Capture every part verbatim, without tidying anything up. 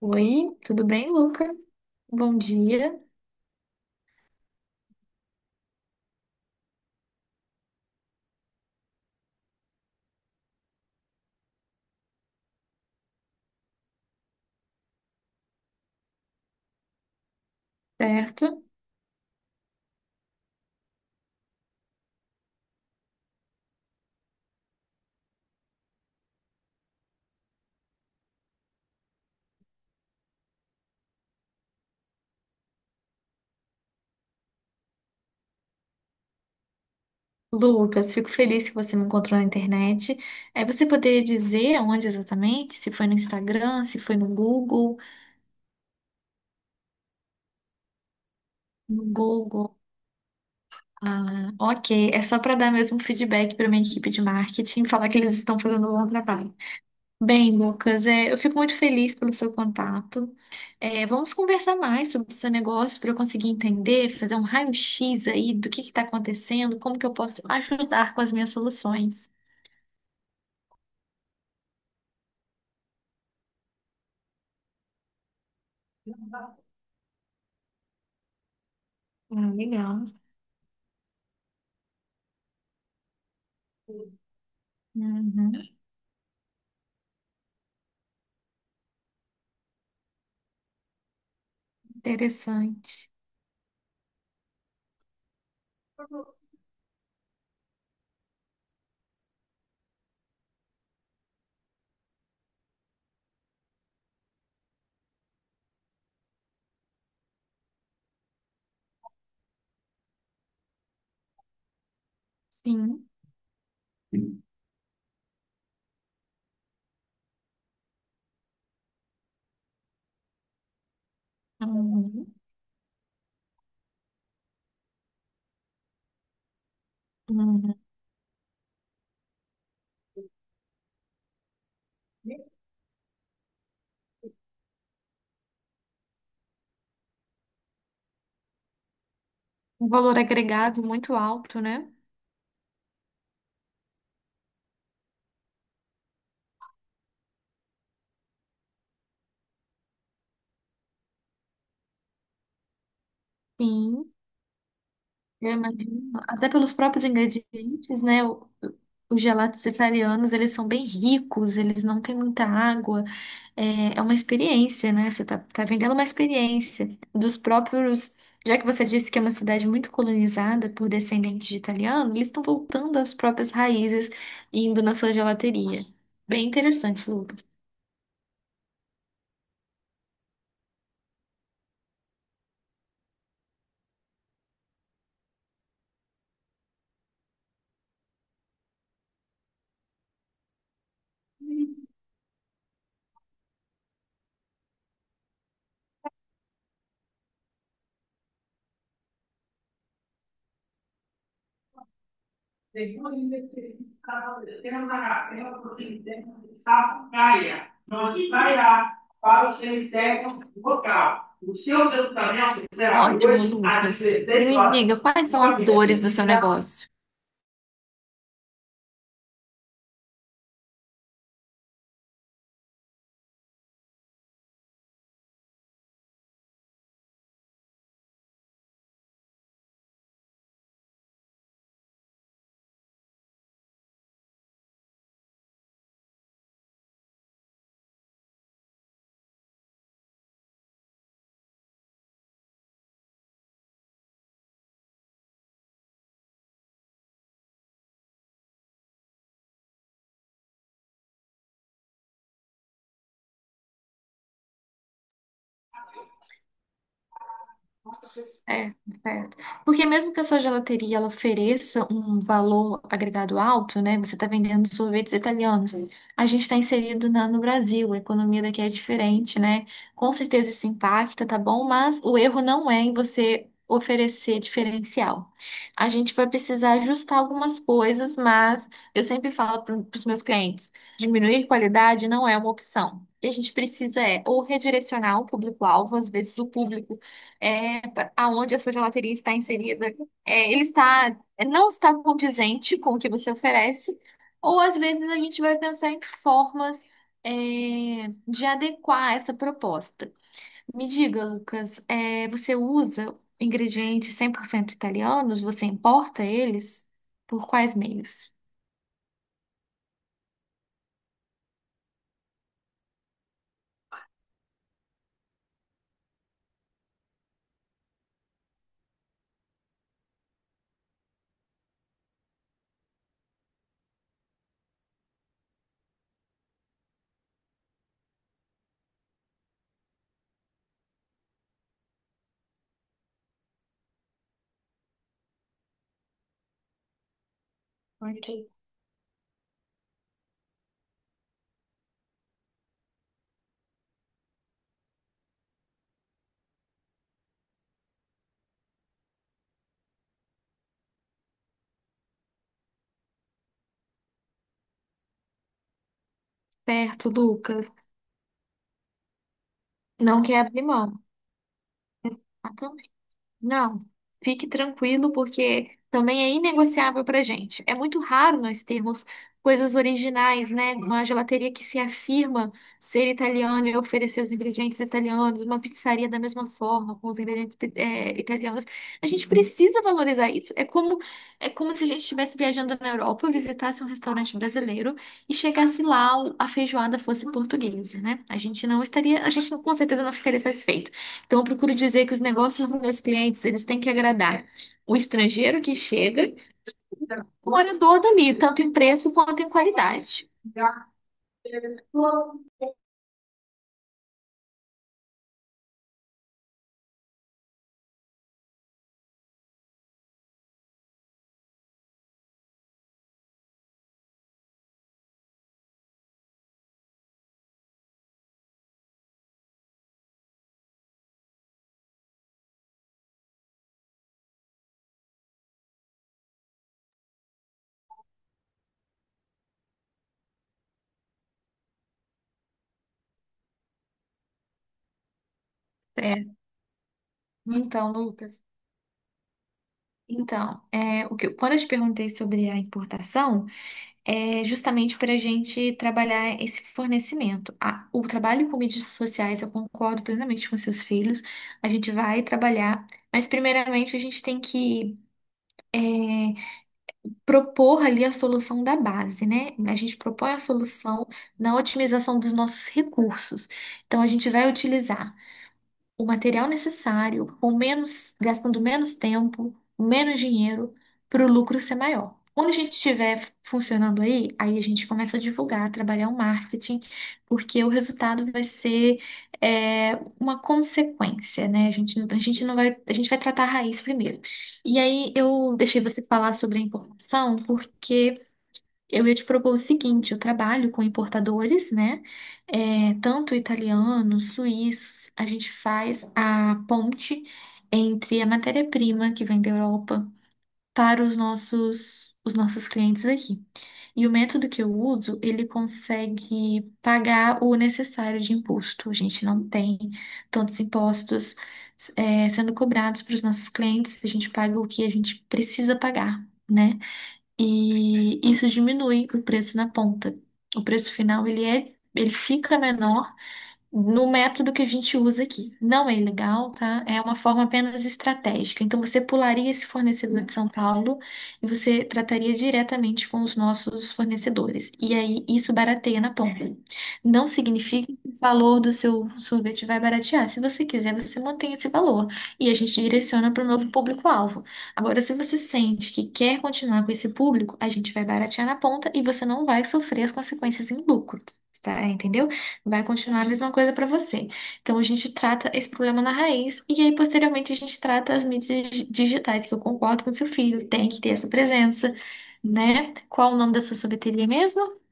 Oi, tudo bem, Luca? Bom dia, certo? Lucas, fico feliz que você me encontrou na internet. É você poder dizer onde exatamente? Se foi no Instagram, se foi no Google? No Google. Ah, ok. É só para dar mesmo um feedback para minha equipe de marketing, falar que eles estão fazendo um bom trabalho. Bem, Lucas, é, eu fico muito feliz pelo seu contato. É, vamos conversar mais sobre o seu negócio para eu conseguir entender, fazer um raio-x aí do que está acontecendo, como que eu posso ajudar com as minhas soluções. Ah, legal. Uhum, interessante. Sim. Uhum, uhum. Um valor agregado muito alto, né? Sim. Eu imagino, até pelos próprios ingredientes, né? O- o- os gelatos italianos, eles são bem ricos, eles não têm muita água. É, é uma experiência, né? Você tá, tá vendendo uma experiência dos próprios. Já que você disse que é uma cidade muito colonizada por descendentes de italiano, eles estão voltando às próprias raízes, indo na sua gelateria. Bem interessante, Lucas. Segundo de ter temos a capela para o cemitério de Sapucaia, onde irá para o cemitério local. O seu sepultamento será ótimo, hoje às Lucas. E me horas. Diga, quais são as dores do seu negócio? É, certo. Porque mesmo que a sua gelateria ela ofereça um valor agregado alto, né? Você está vendendo sorvetes italianos. Sim. A gente está inserido na- no Brasil, a economia daqui é diferente, né? Com certeza isso impacta, tá bom? Mas o erro não é em você oferecer diferencial. A gente vai precisar ajustar algumas coisas, mas eu sempre falo para os meus clientes, diminuir qualidade não é uma opção. O que a gente precisa é ou redirecionar o público-alvo, às vezes o público é, pra- aonde a sua gelateria está inserida, é, ele está, é, não está condizente com o que você oferece, ou às vezes a gente vai pensar em formas, é, de adequar essa proposta. Me diga, Lucas, é, você usa ingredientes cem por cento italianos? Você importa eles? Por quais meios? Ok. Certo, Lucas. Não quer abrir mão. Não, fique tranquilo, porque também é inegociável para gente. É muito raro nós termos coisas originais, né? Uma gelateria que se afirma ser italiana e oferecer os ingredientes italianos, uma pizzaria da mesma forma, com os ingredientes, eh, italianos. A gente precisa valorizar isso. É como, é como se a gente estivesse viajando na Europa, visitasse um restaurante brasileiro e chegasse lá, o- a feijoada fosse portuguesa, né? A gente não estaria, a gente com certeza não ficaria satisfeito. Então, eu procuro dizer que os negócios dos meus clientes, eles têm que agradar o estrangeiro que chega, o morador dali, tanto em preço quanto em qualidade. É, então, Lucas. Então, é, o que eu- quando eu te perguntei sobre a importação, é justamente para a gente trabalhar esse fornecimento. A- o trabalho com mídias sociais, eu concordo plenamente com seus filhos, a gente vai trabalhar, mas primeiramente a gente tem que é, propor ali a solução da base, né? A gente propõe a solução na otimização dos nossos recursos. Então, a gente vai utilizar o material necessário, com menos, gastando menos tempo, menos dinheiro, para o lucro ser maior. Quando a gente estiver funcionando aí, aí a gente começa a divulgar, trabalhar o marketing, porque o resultado vai ser é, uma consequência, né? A gente, não- a gente não vai, a gente vai tratar a raiz primeiro. E aí eu deixei você falar sobre a importação, porque eu ia te propor o seguinte: eu trabalho com importadores, né? É, tanto italianos, suíços. A gente faz a ponte entre a matéria-prima que vem da Europa para os nossos, os nossos clientes aqui. E o método que eu uso, ele consegue pagar o necessário de imposto. A gente não tem tantos impostos, é, sendo cobrados para os nossos clientes. A gente paga o que a gente precisa pagar, né? E isso diminui o preço na ponta. O preço final ele é, ele fica menor no método que a gente usa aqui. Não é ilegal, tá? É uma forma apenas estratégica. Então, você pularia esse fornecedor de São Paulo e você trataria diretamente com os nossos fornecedores. E aí, isso barateia na ponta. Não significa que o valor do seu sorvete vai baratear. Se você quiser, você mantém esse valor e a gente direciona para o novo público-alvo. Agora, se você sente que quer continuar com esse público, a gente vai baratear na ponta e você não vai sofrer as consequências em lucro, tá? Entendeu? Vai continuar a mesma coisa para você. Então, a gente trata esse problema na raiz, e aí, posteriormente, a gente trata as mídias dig- digitais, que eu concordo com seu filho, tem que ter essa presença, né? Qual o nome da sua sorveteria mesmo?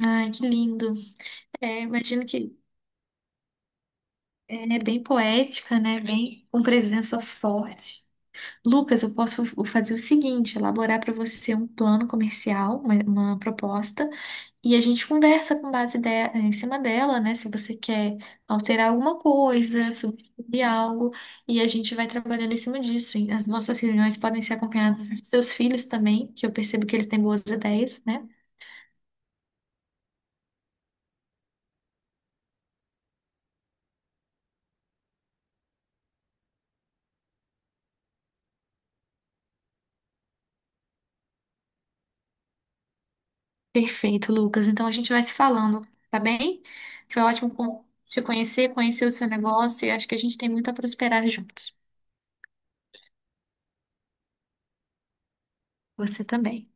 Ai, que lindo. É, imagino que é é bem poética, né? Bem com presença forte. Lucas, eu posso fazer o seguinte: elaborar para você um plano comercial, uma uma proposta. E a gente conversa com base de- eh, em cima dela, né? Se você quer alterar alguma coisa, substituir algo, e a gente vai trabalhando em cima disso. E as nossas reuniões podem ser acompanhadas dos seus filhos também, que eu percebo que eles têm boas ideias, né? Perfeito, Lucas. Então a gente vai se falando, tá bem? Foi ótimo con- te conhecer, conhecer o seu negócio, e acho que a gente tem muito a prosperar juntos. Você também.